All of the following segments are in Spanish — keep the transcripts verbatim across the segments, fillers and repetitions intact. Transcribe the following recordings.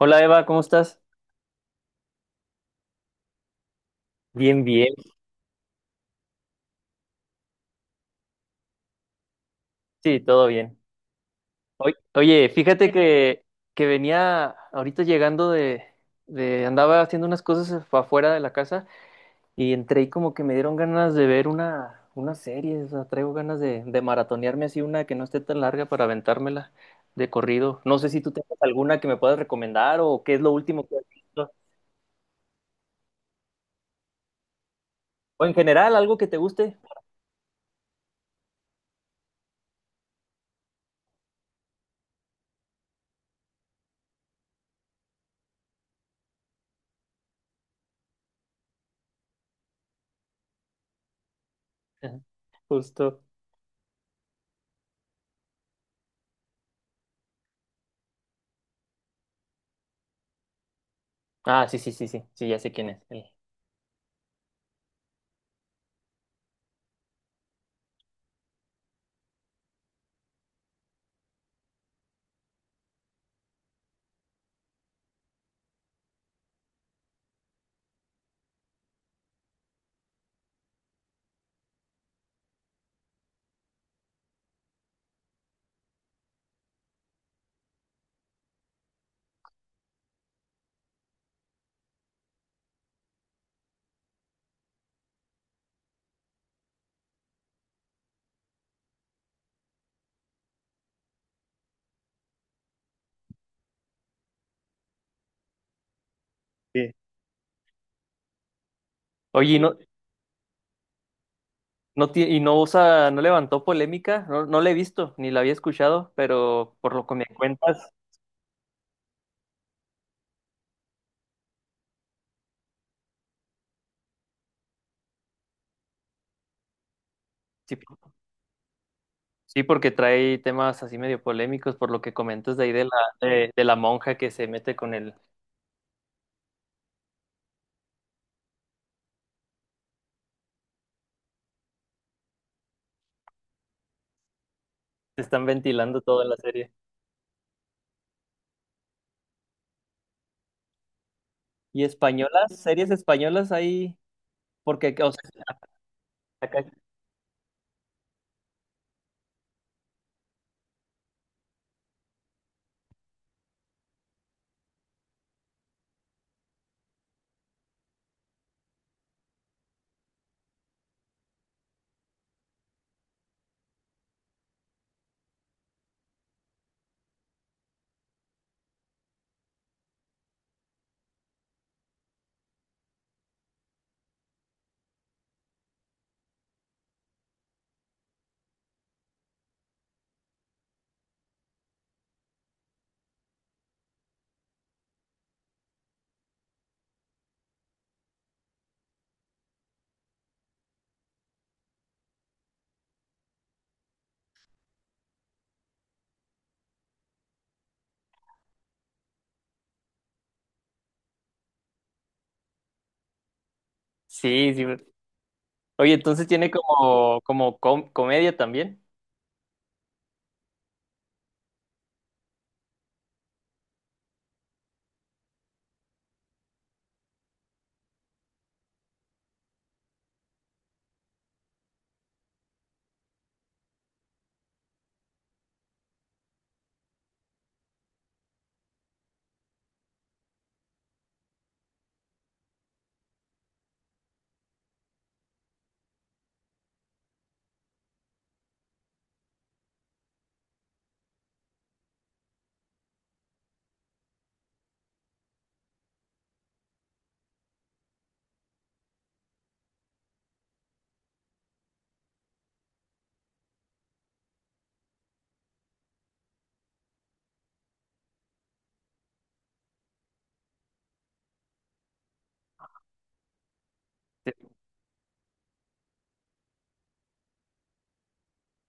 Hola Eva, ¿cómo estás? Bien, bien. Sí, todo bien. Oy- Oye, fíjate que, que venía ahorita llegando de, de... Andaba haciendo unas cosas afuera de la casa y entré y como que me dieron ganas de ver una, una serie. O sea, traigo ganas de, de maratonearme así una que no esté tan larga para aventármela de corrido. No sé si tú tengas alguna que me puedas recomendar o qué es lo último que has visto. O en general, algo que te guste. Ajá. Justo. Ah, sí, sí, sí, sí. Sí, ya sé quién es. Sí. Sí. Oye, ¿y ¿no, No tie- y no usa, no levantó polémica, no, no la he visto, ni la había escuchado, pero por lo que me cuentas, sí, sí, porque trae temas así medio polémicos, por lo que comentas de ahí de la, de, de la monja que se mete con el, se están ventilando toda la serie. ¿Y españolas? ¿Series españolas ahí? Porque, o sea, acá- sí, sí. Oye, entonces tiene como, como com- comedia también.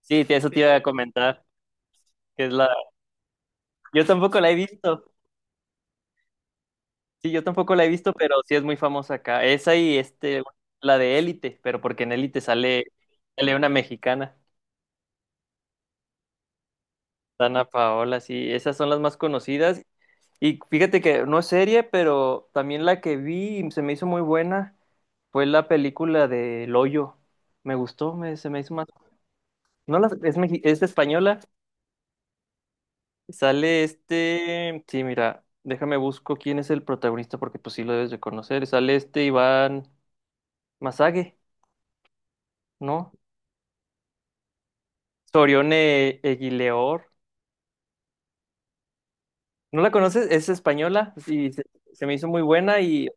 Sí, sí, eso te iba a comentar, que es la, yo tampoco la he visto. Sí, yo tampoco la he visto, pero sí es muy famosa acá. Esa y este, la de Élite, pero porque en Élite sale, sale una mexicana, Dana Paola, sí, esas son las más conocidas. Y fíjate que no es serie, pero también la que vi y se me hizo muy buena fue la película de El Hoyo. Me gustó, me, se me hizo más. No la, es, mexi- es española. Sale este. Sí, mira, déjame busco quién es el protagonista, porque pues sí lo debes de conocer. Sale este Iván Masague, ¿no? Sorione Eguileor. ¿No la conoces? Es española y se, se me hizo muy buena y,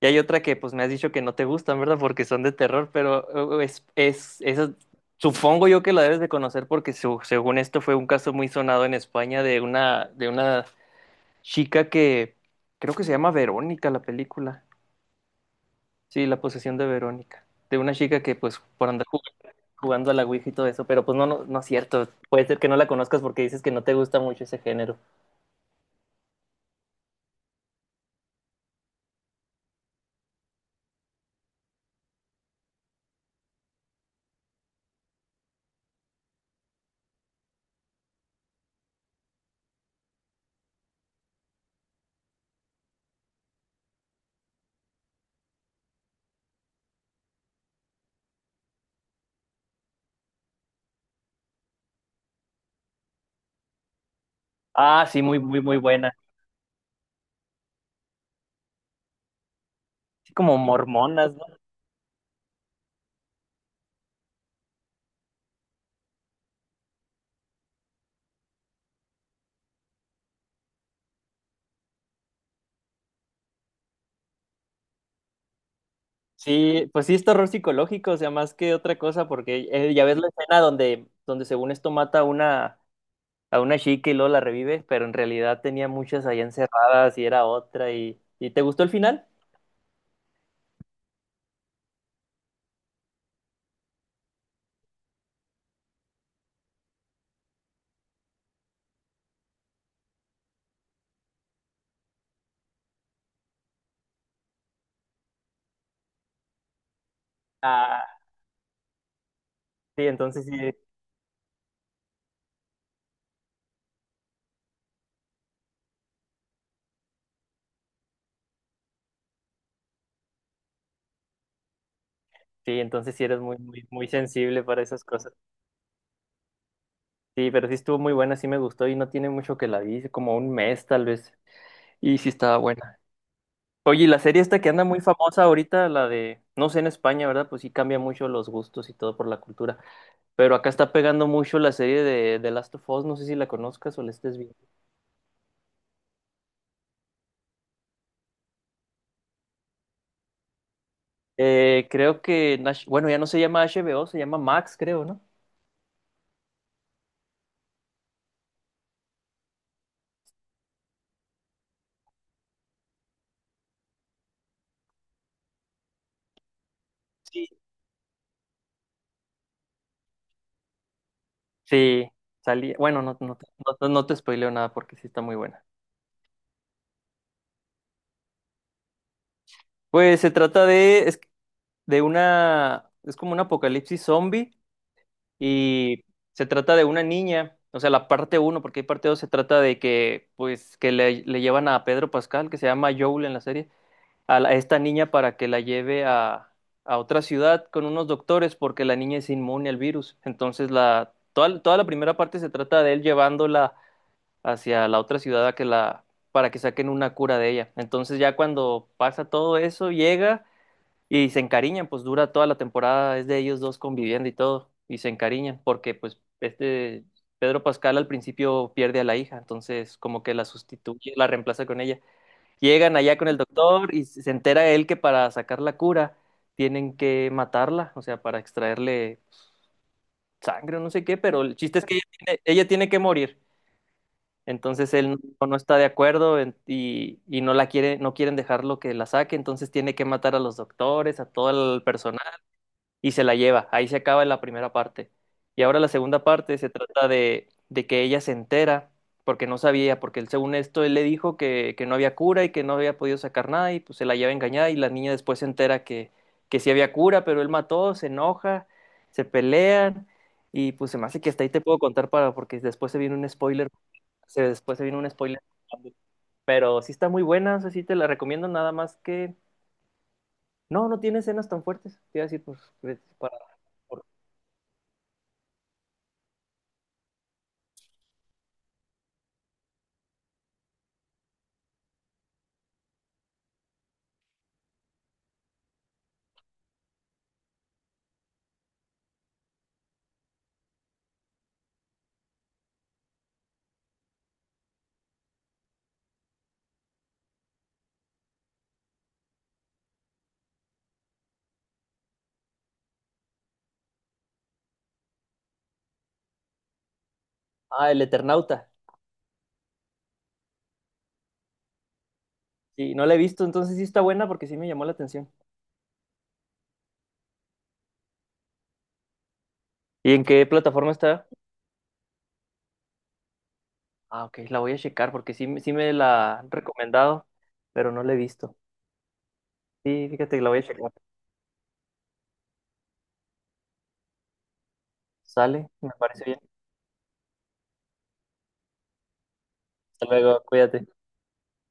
y hay otra que pues me has dicho que no te gustan, ¿verdad? Porque son de terror, pero eh, es, es, esa- supongo yo que la debes de conocer porque su- según esto fue un caso muy sonado en España de una, de una chica que creo que se llama Verónica la película. Sí, La posesión de Verónica. De una chica que pues por andar jug- jugando a la Ouija y todo eso, pero pues no, no, no es cierto. Puede ser que no la conozcas porque dices que no te gusta mucho ese género. Ah, sí, muy, muy, muy buena. Sí, como mormonas, ¿no? Sí, pues sí es terror psicológico, o sea, más que otra cosa, porque eh, ya ves la escena donde, donde según esto mata a una, a una chica y luego la revive, pero en realidad tenía muchas ahí encerradas y era otra y, ¿y te gustó el final? Ah, sí, entonces sí, sí, entonces sí eres muy, muy, muy sensible para esas cosas. Sí, pero sí estuvo muy buena, sí me gustó y no tiene mucho que la vi, como un mes tal vez, y sí estaba buena. Oye, y la serie esta que anda muy famosa ahorita, la de, no sé en España, ¿verdad? Pues sí cambia mucho los gustos y todo por la cultura. Pero acá está pegando mucho la serie de The Last of Us, no sé si la conozcas o la estés viendo. Eh, creo que, en H- bueno, ya no se llama H B O, se llama Max, creo, ¿no? Sí. Sí, salía. Bueno, no, no, te- no, te no te spoileo nada porque sí está muy buena. Pues se trata de, es- de una, es como un apocalipsis zombie y se trata de una niña, o sea, la parte uno, porque hay parte dos, se trata de que, pues, que le, le llevan a Pedro Pascal, que se llama Joel en la serie, a, la- a esta niña para que la lleve a, a otra ciudad con unos doctores, porque la niña es inmune al virus. Entonces, la, toda, toda la primera parte se trata de él llevándola hacia la otra ciudad a que la, para que saquen una cura de ella. Entonces, ya cuando pasa todo eso, llega. Y se encariñan, pues dura toda la temporada, es de ellos dos conviviendo y todo, y se encariñan, porque pues este Pedro Pascal al principio pierde a la hija, entonces como que la sustituye, la reemplaza con ella. Llegan allá con el doctor y se entera él que para sacar la cura tienen que matarla, o sea, para extraerle sangre o no sé qué, pero el chiste es que ella tiene, ella tiene que morir. Entonces él no, no está de acuerdo en- y, y no la quiere, no quieren dejarlo que la saque, entonces tiene que matar a los doctores, a todo el personal y se la lleva. Ahí se acaba la primera parte. Y ahora la segunda parte se trata de, de que ella se entera, porque no sabía, porque él, según esto, él le dijo que, que no había cura y que no había podido sacar nada, y pues se la lleva engañada, y la niña después se entera que, que sí había cura, pero él mató, se enoja, se pelean, y pues se me hace que hasta ahí te puedo contar para, porque después se viene un spoiler, se, después se viene un spoiler. Pero sí está muy buena, o sea, sí te la recomiendo, nada más que... No, no tiene escenas tan fuertes, te iba a decir, pues, pues, para... Ah, el Eternauta. Sí, no la he visto, entonces sí está buena porque sí me llamó la atención. ¿Y en qué plataforma está? Ah, ok, la voy a checar porque sí, me- sí me la han recomendado, pero no la he visto. Sí, fíjate que la voy a checar. Sale, me parece bien. Hasta luego, cuídate.